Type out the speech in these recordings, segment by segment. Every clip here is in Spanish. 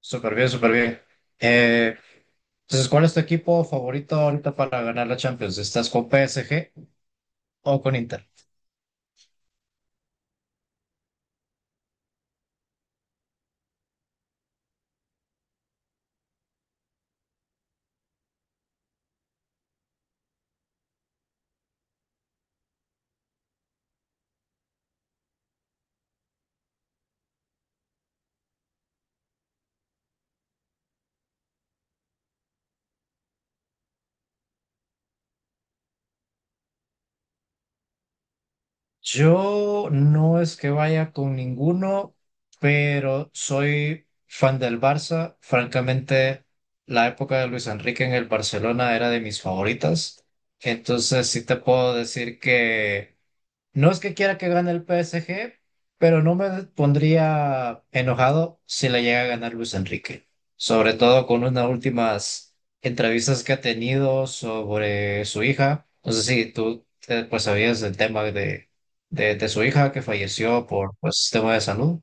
Súper bien, súper bien. Eh, entonces, ¿cuál es tu equipo favorito ahorita para ganar la Champions? ¿Estás con PSG o con Inter? Yo no es que vaya con ninguno, pero soy fan del Barça. Francamente, la época de Luis Enrique en el Barcelona era de mis favoritas. Entonces, sí te puedo decir que no es que quiera que gane el PSG, pero no me pondría enojado si le llega a ganar Luis Enrique. Sobre todo con unas últimas entrevistas que ha tenido sobre su hija. No sé si tú pues sabías del tema de su hija que falleció por pues tema de salud.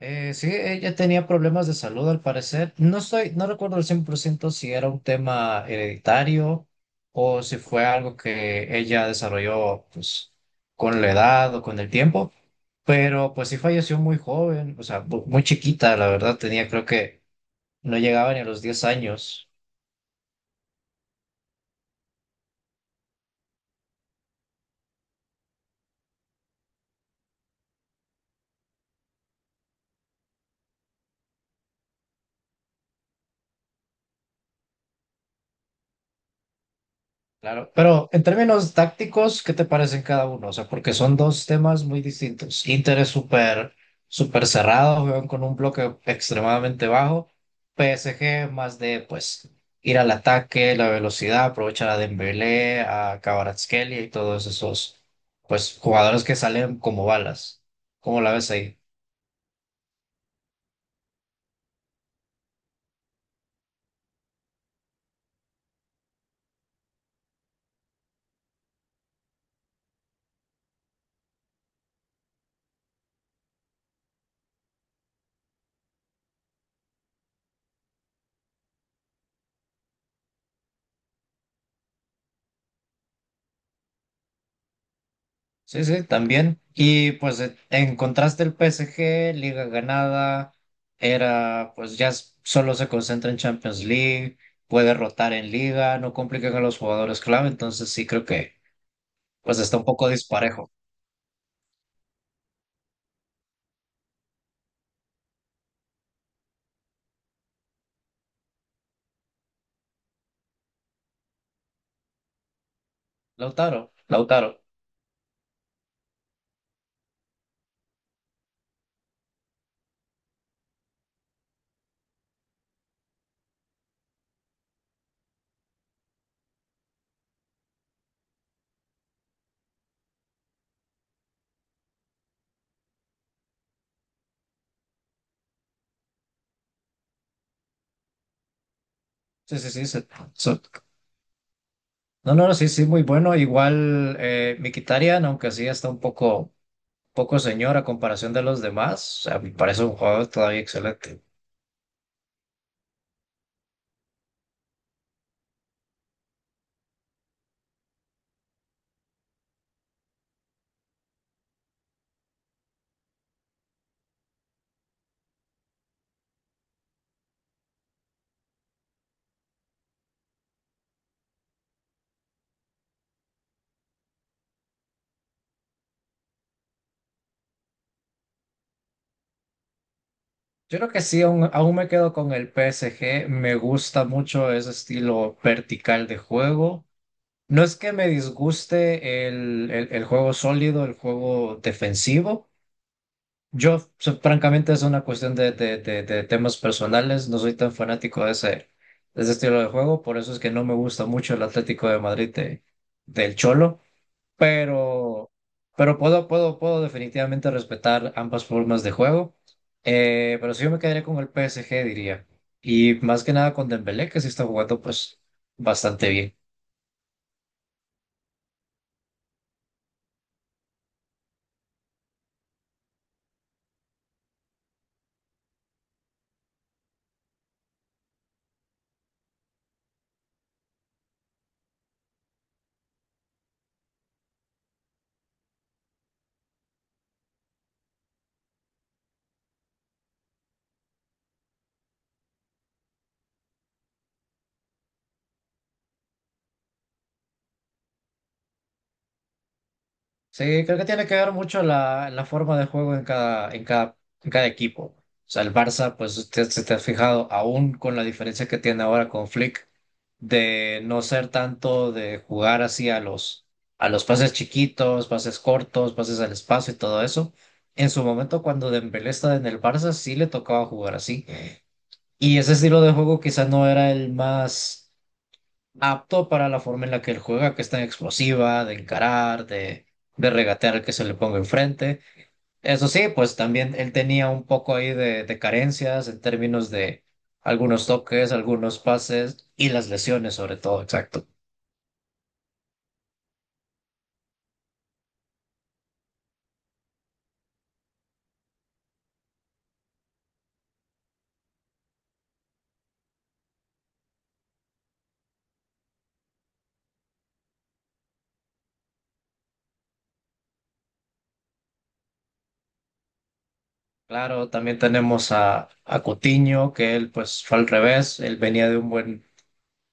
Sí, ella tenía problemas de salud al parecer. No recuerdo al 100% si era un tema hereditario o si fue algo que ella desarrolló, pues, con la edad o con el tiempo, pero pues sí falleció muy joven, o sea, muy chiquita, la verdad, tenía creo que no llegaba ni a los 10 años. Claro, pero en términos tácticos, ¿qué te parecen cada uno? O sea, porque son dos temas muy distintos. Inter es súper, súper cerrado, juegan con un bloque extremadamente bajo. PSG más de, pues, ir al ataque, la velocidad, aprovechar a Dembélé, a Kvaratskhelia y todos esos, pues, jugadores que salen como balas. ¿Cómo la ves ahí? Sí, sí, también. Y pues en contraste el PSG, liga ganada, era pues ya solo se concentra en Champions League, puede rotar en liga, no complican a los jugadores clave, entonces sí creo que pues está un poco disparejo. Lautaro, Lautaro. Sí, sí, sí. So- no, no, no, sí, sí, muy bueno. Igual Mkhitaryan, aunque sí está un poco señor a comparación de los demás, a mí me parece un jugador todavía excelente. Yo creo que sí, aún, aún me quedo con el PSG. Me gusta mucho ese estilo vertical de juego. No es que me disguste el juego sólido, el juego defensivo. Yo, o sea, francamente, es una cuestión de temas personales. No soy tan fanático de ese estilo de juego. Por eso es que no me gusta mucho el Atlético de Madrid del Cholo, pero, pero puedo definitivamente respetar ambas formas de juego. Pero sí yo me quedaría con el PSG, diría. Y más que nada con Dembélé, que sí está jugando pues bastante bien. Sí, creo que tiene que ver mucho la forma de juego en cada equipo. O sea, el Barça, pues usted se te ha fijado, aún con la diferencia que tiene ahora con Flick, de no ser tanto de jugar así a a los pases chiquitos, pases cortos, pases al espacio y todo eso. En su momento, cuando Dembélé estaba en el Barça, sí le tocaba jugar así. Y ese estilo de juego quizá no era el más apto para la forma en la que él juega, que es tan explosiva, de encarar, de regatear al que se le ponga enfrente. Eso sí, pues también él tenía un poco ahí de carencias en términos de algunos toques, algunos pases y las lesiones sobre todo, exacto. Claro, también tenemos a Coutinho, que él pues fue al revés, él venía de un buen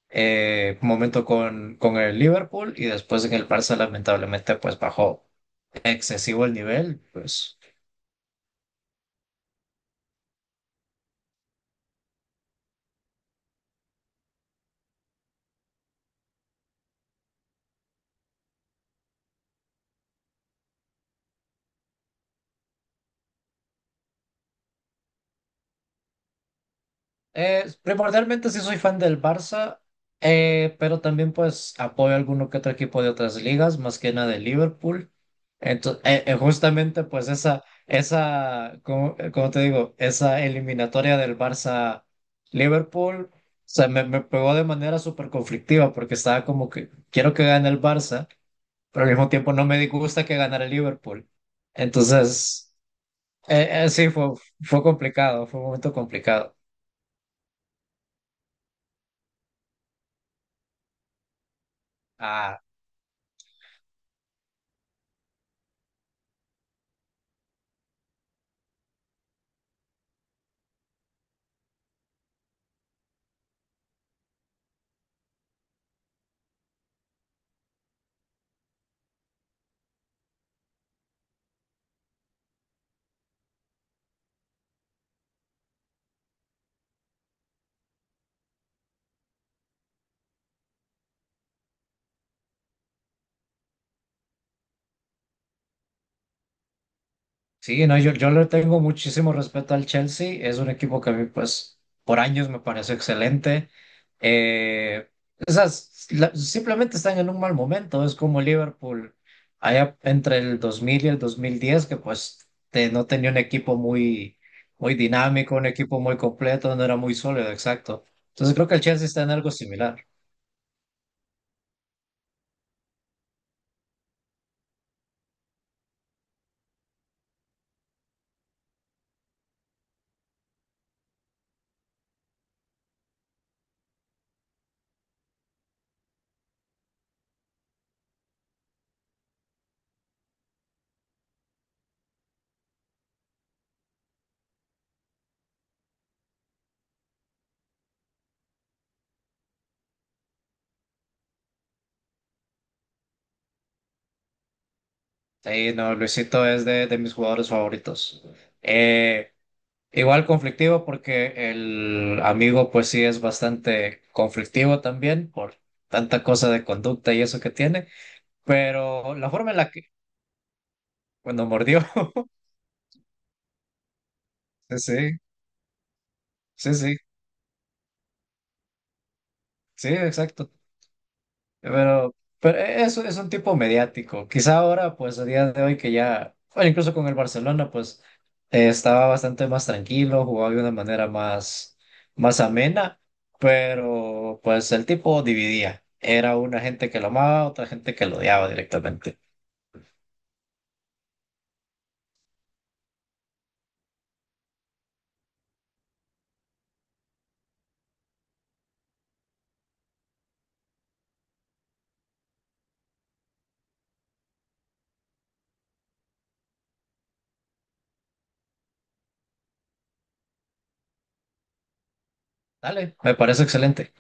momento con el Liverpool y después en el Barça lamentablemente pues bajó excesivo el nivel, pues primordialmente sí soy fan del Barça, pero también pues apoyo a alguno que otro equipo de otras ligas, más que nada de Liverpool. Entonces, justamente pues como, como te digo, esa eliminatoria del Barça Liverpool, o sea, me pegó de manera súper conflictiva porque estaba como que quiero que gane el Barça, pero al mismo tiempo no me disgusta que ganara el Liverpool. Entonces, sí, fue complicado, fue un momento complicado. Ah, sí, no, yo le tengo muchísimo respeto al Chelsea. Es un equipo que a mí, pues, por años me pareció excelente. Eh, Simplemente están en un mal momento. Es como Liverpool, allá entre el 2000 y el 2010, que pues no tenía un equipo muy, muy dinámico, un equipo muy completo, no era muy sólido, exacto. Entonces creo que el Chelsea está en algo similar. Sí, no, Luisito es de mis jugadores favoritos. Eh, Igual conflictivo porque el amigo pues sí es bastante conflictivo también por tanta cosa de conducta y eso que tiene, pero la forma en la que, cuando mordió, sí, sí, sí, sí, sí, exacto. Pero eso es un tipo mediático. Quizá ahora, pues a día de hoy que ya, bueno, incluso con el Barcelona, pues estaba bastante más tranquilo, jugaba de una manera más, más amena, pero pues el tipo dividía. Era una gente que lo amaba, otra gente que lo odiaba directamente. Dale, me parece excelente.